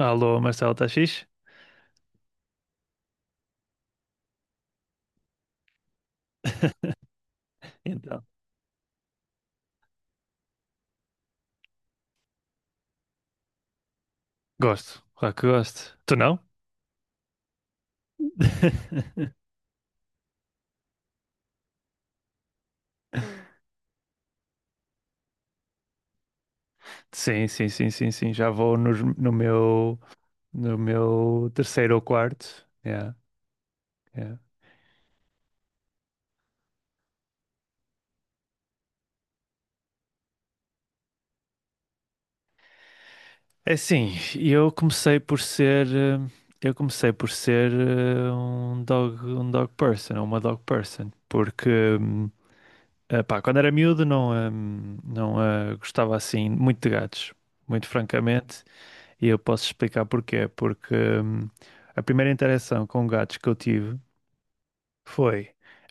Alô, Marcelo, tá fixe? Então. Gosto, claro que gosto. Tu não? Sim, sim, sim, sim, sim. Já vou nos- no, meu, No meu terceiro ou quarto. Yeah, yeah. É assim, eu comecei por ser, eh, eu comecei por ser um dog person, ou uma dog person, porque hum, pá, quando era miúdo não, não eh, gostava assim muito de gatos, muito francamente. E eu posso explicar porquê. Porque a primeira interação com gatos que eu tive foi,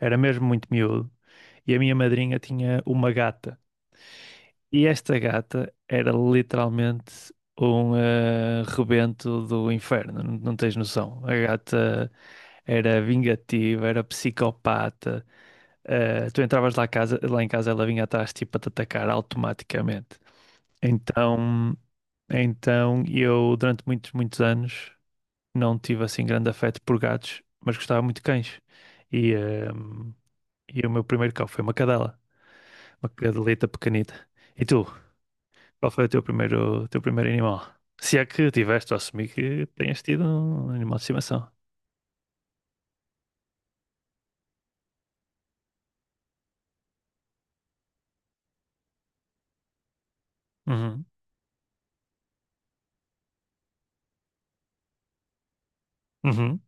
era mesmo muito miúdo, e a minha madrinha tinha uma gata. E esta gata era literalmente um rebento do inferno, não tens noção. A gata era vingativa, era psicopata. Eh, tu entravas lá em casa, ela vinha atrás tipo a te atacar automaticamente. Então, então eu durante muitos, muitos anos não tive assim grande afeto por gatos, mas gostava muito de cães. E, ehm, e o meu primeiro cão foi uma cadela, uma cadelita pequenita. E tu, Qual foi o teu primeiro animal? Se é que tiveste, eu assumi que tenhas tido um animal de estimação. Uhum. Uhum.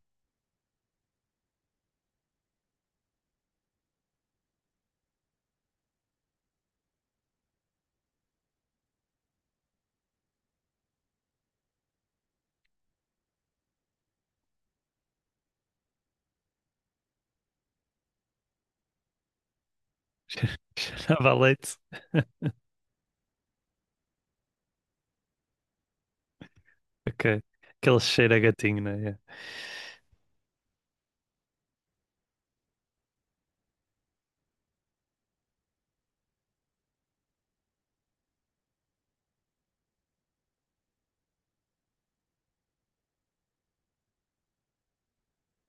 Dava leite. Ok. Aquele cheiro a gatinho, né? Yeah.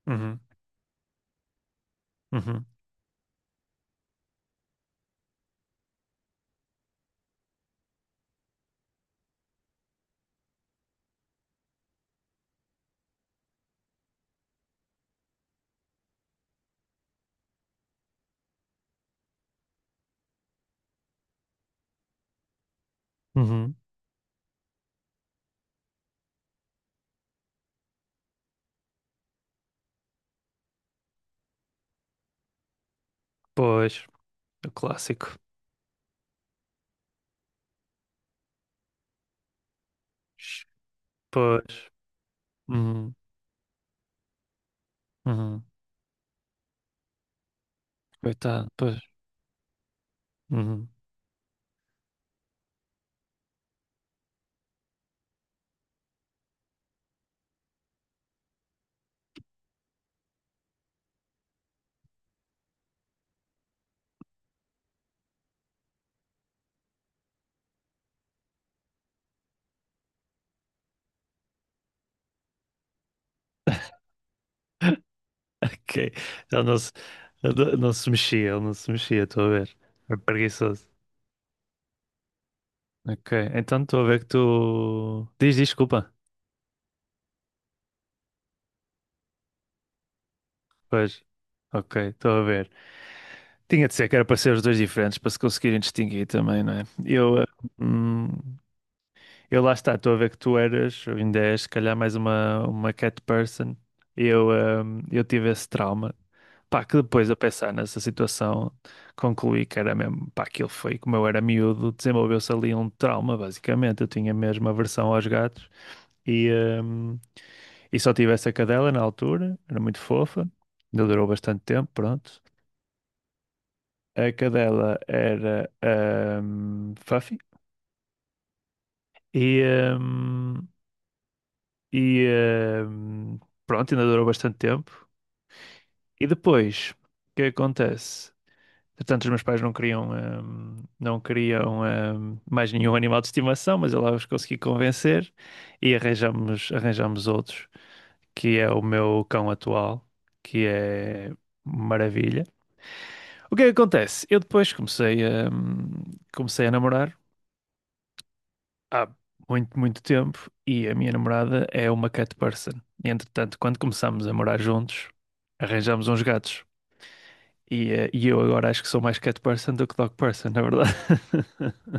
Uhum. Uhum. Uhum. Pois, o clássico. Pois. Uhum. Uhum. Coitado, pois. Uhum. Ok. Ele não se, ele não se mexia, estou a ver. É preguiçoso. Ok, então estou a ver que tu. Diz, diz, desculpa. Pois. Ok, estou a ver. Tinha de ser que era para ser os dois diferentes, para se conseguirem distinguir também, não é? Hum, eu lá está, estou a ver que tu eras, ou ainda és, se calhar mais uma cat person. Eu, eh, eu tive esse trauma. Pá, que depois a pensar nessa situação, concluí que era mesmo, pá, aquilo foi, como eu era miúdo, desenvolveu-se ali um trauma, basicamente. Eu tinha mesmo aversão aos gatos e, hum, e só tive essa cadela na altura, era muito fofa, ainda durou bastante tempo, pronto. A cadela era Fluffy e, hum, e hum, pronto, ainda durou bastante tempo. E depois, o que acontece? Portanto, os meus pais não queriam, mais nenhum animal de estimação, mas eu lá os consegui convencer e arranjamos outros, que é o meu cão atual, que é maravilha. O que é que acontece? Eu depois comecei a, comecei a namorar há muito, muito tempo e a minha namorada é uma cat person. E, entretanto, quando começámos a morar juntos, arranjámos uns gatos. E eu agora acho que sou mais cat person do que dog person, na verdade.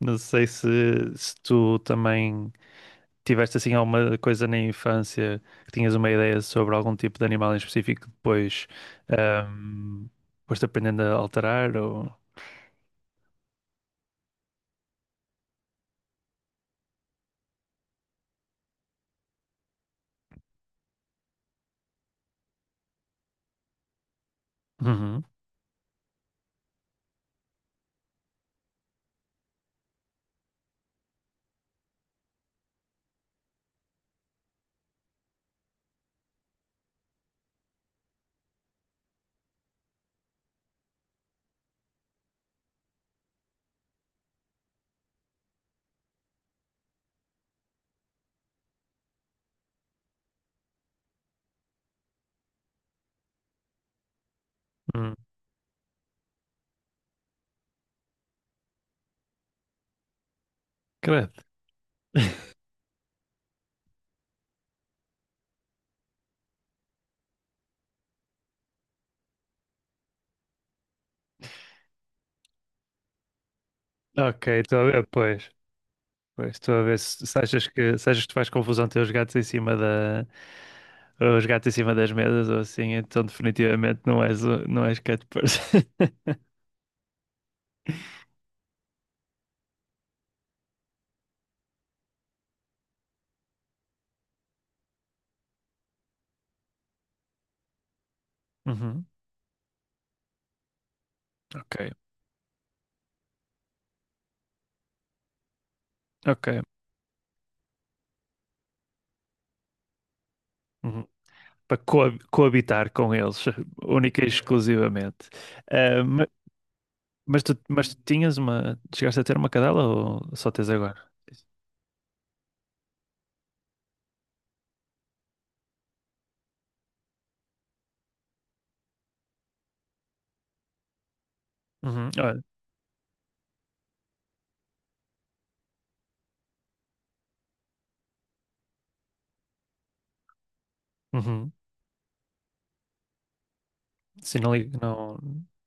Não sei se, se tu também tiveste assim alguma coisa na infância que tinhas uma ideia sobre algum tipo de animal em específico que depois ahm, foste aprendendo a alterar ou... Uhum. Hum. Credo. Ok, estou a ver, pois. Pois, estou a ver se, se achas que, se achas que tu faz confusão ter os gatos em cima das mesas ou assim, então definitivamente não és cat person. Uhum. Ok, ok. Uhum. Para coabitar com eles, única e exclusivamente. Ah, ma- mas tu tinhas uma. Chegaste a ter uma cadela ou só tens agora? Uhum. Olha, uhum. Sim, não,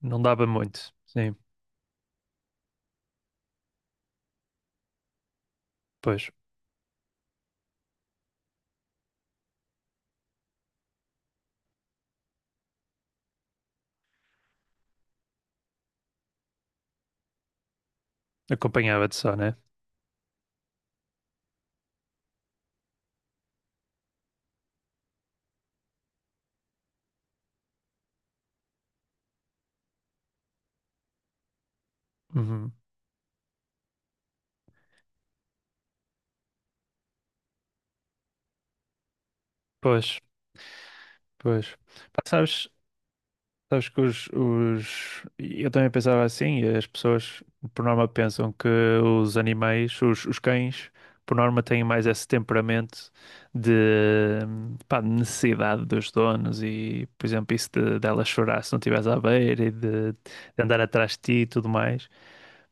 não dava muito. Sim, pois. Acompanhava-te só, né? Uhum. Pois, pois. Pá, sabes, sabes que os... Eu também pensava assim, e as pessoas por norma pensam que os animais, os cães, por norma têm mais esse temperamento de, pá, de necessidade dos donos e, por exemplo, isso de, dela chorar se não estivesse à beira e de andar atrás de ti e tudo mais.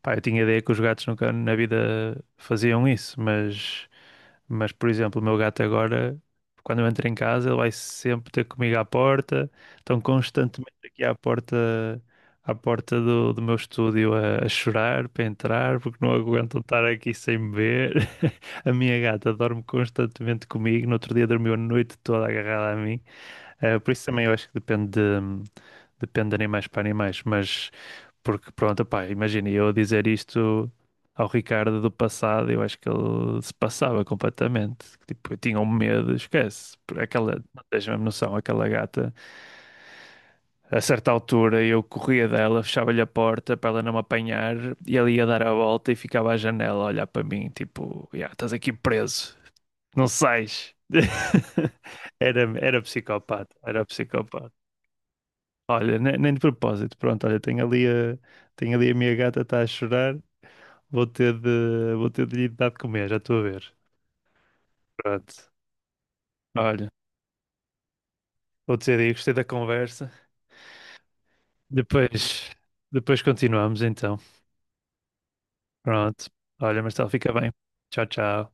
Pá, eu tinha ideia que os gatos nunca na vida faziam isso, mas... Mas, por exemplo, o meu gato agora, quando eu entro em casa, ele vai sempre ter comigo à porta, estão constantemente aqui à porta do meu estúdio a chorar para entrar, porque não aguentam estar aqui sem me ver. A minha gata dorme constantemente comigo, no outro dia dormiu a noite toda agarrada a mim. Eh, por isso também eu acho que depende de animais para animais, mas porque pronto, pá, imagina eu dizer isto ao Ricardo do passado, eu acho que ele se passava completamente. Tipo, eu tinha um medo, esquece. Por aquela, não tens a mesma noção, aquela gata. A certa altura eu corria dela, fechava-lhe a porta para ela não me apanhar e ela ia dar a volta e ficava à janela a olhar para mim, tipo, "Ya, estás aqui preso, não sais. Era, era psicopata, era psicopata. Olha, nem de propósito. Pronto, olha, tenho ali a minha gata, está a chorar. Vou ter de lhe dar de comer, já estou a ver. Pronto. Olha, vou dizer aí, gostei da conversa. Depois, depois continuamos então. Pronto. Olha, Marcelo, fica bem. Tchau, tchau.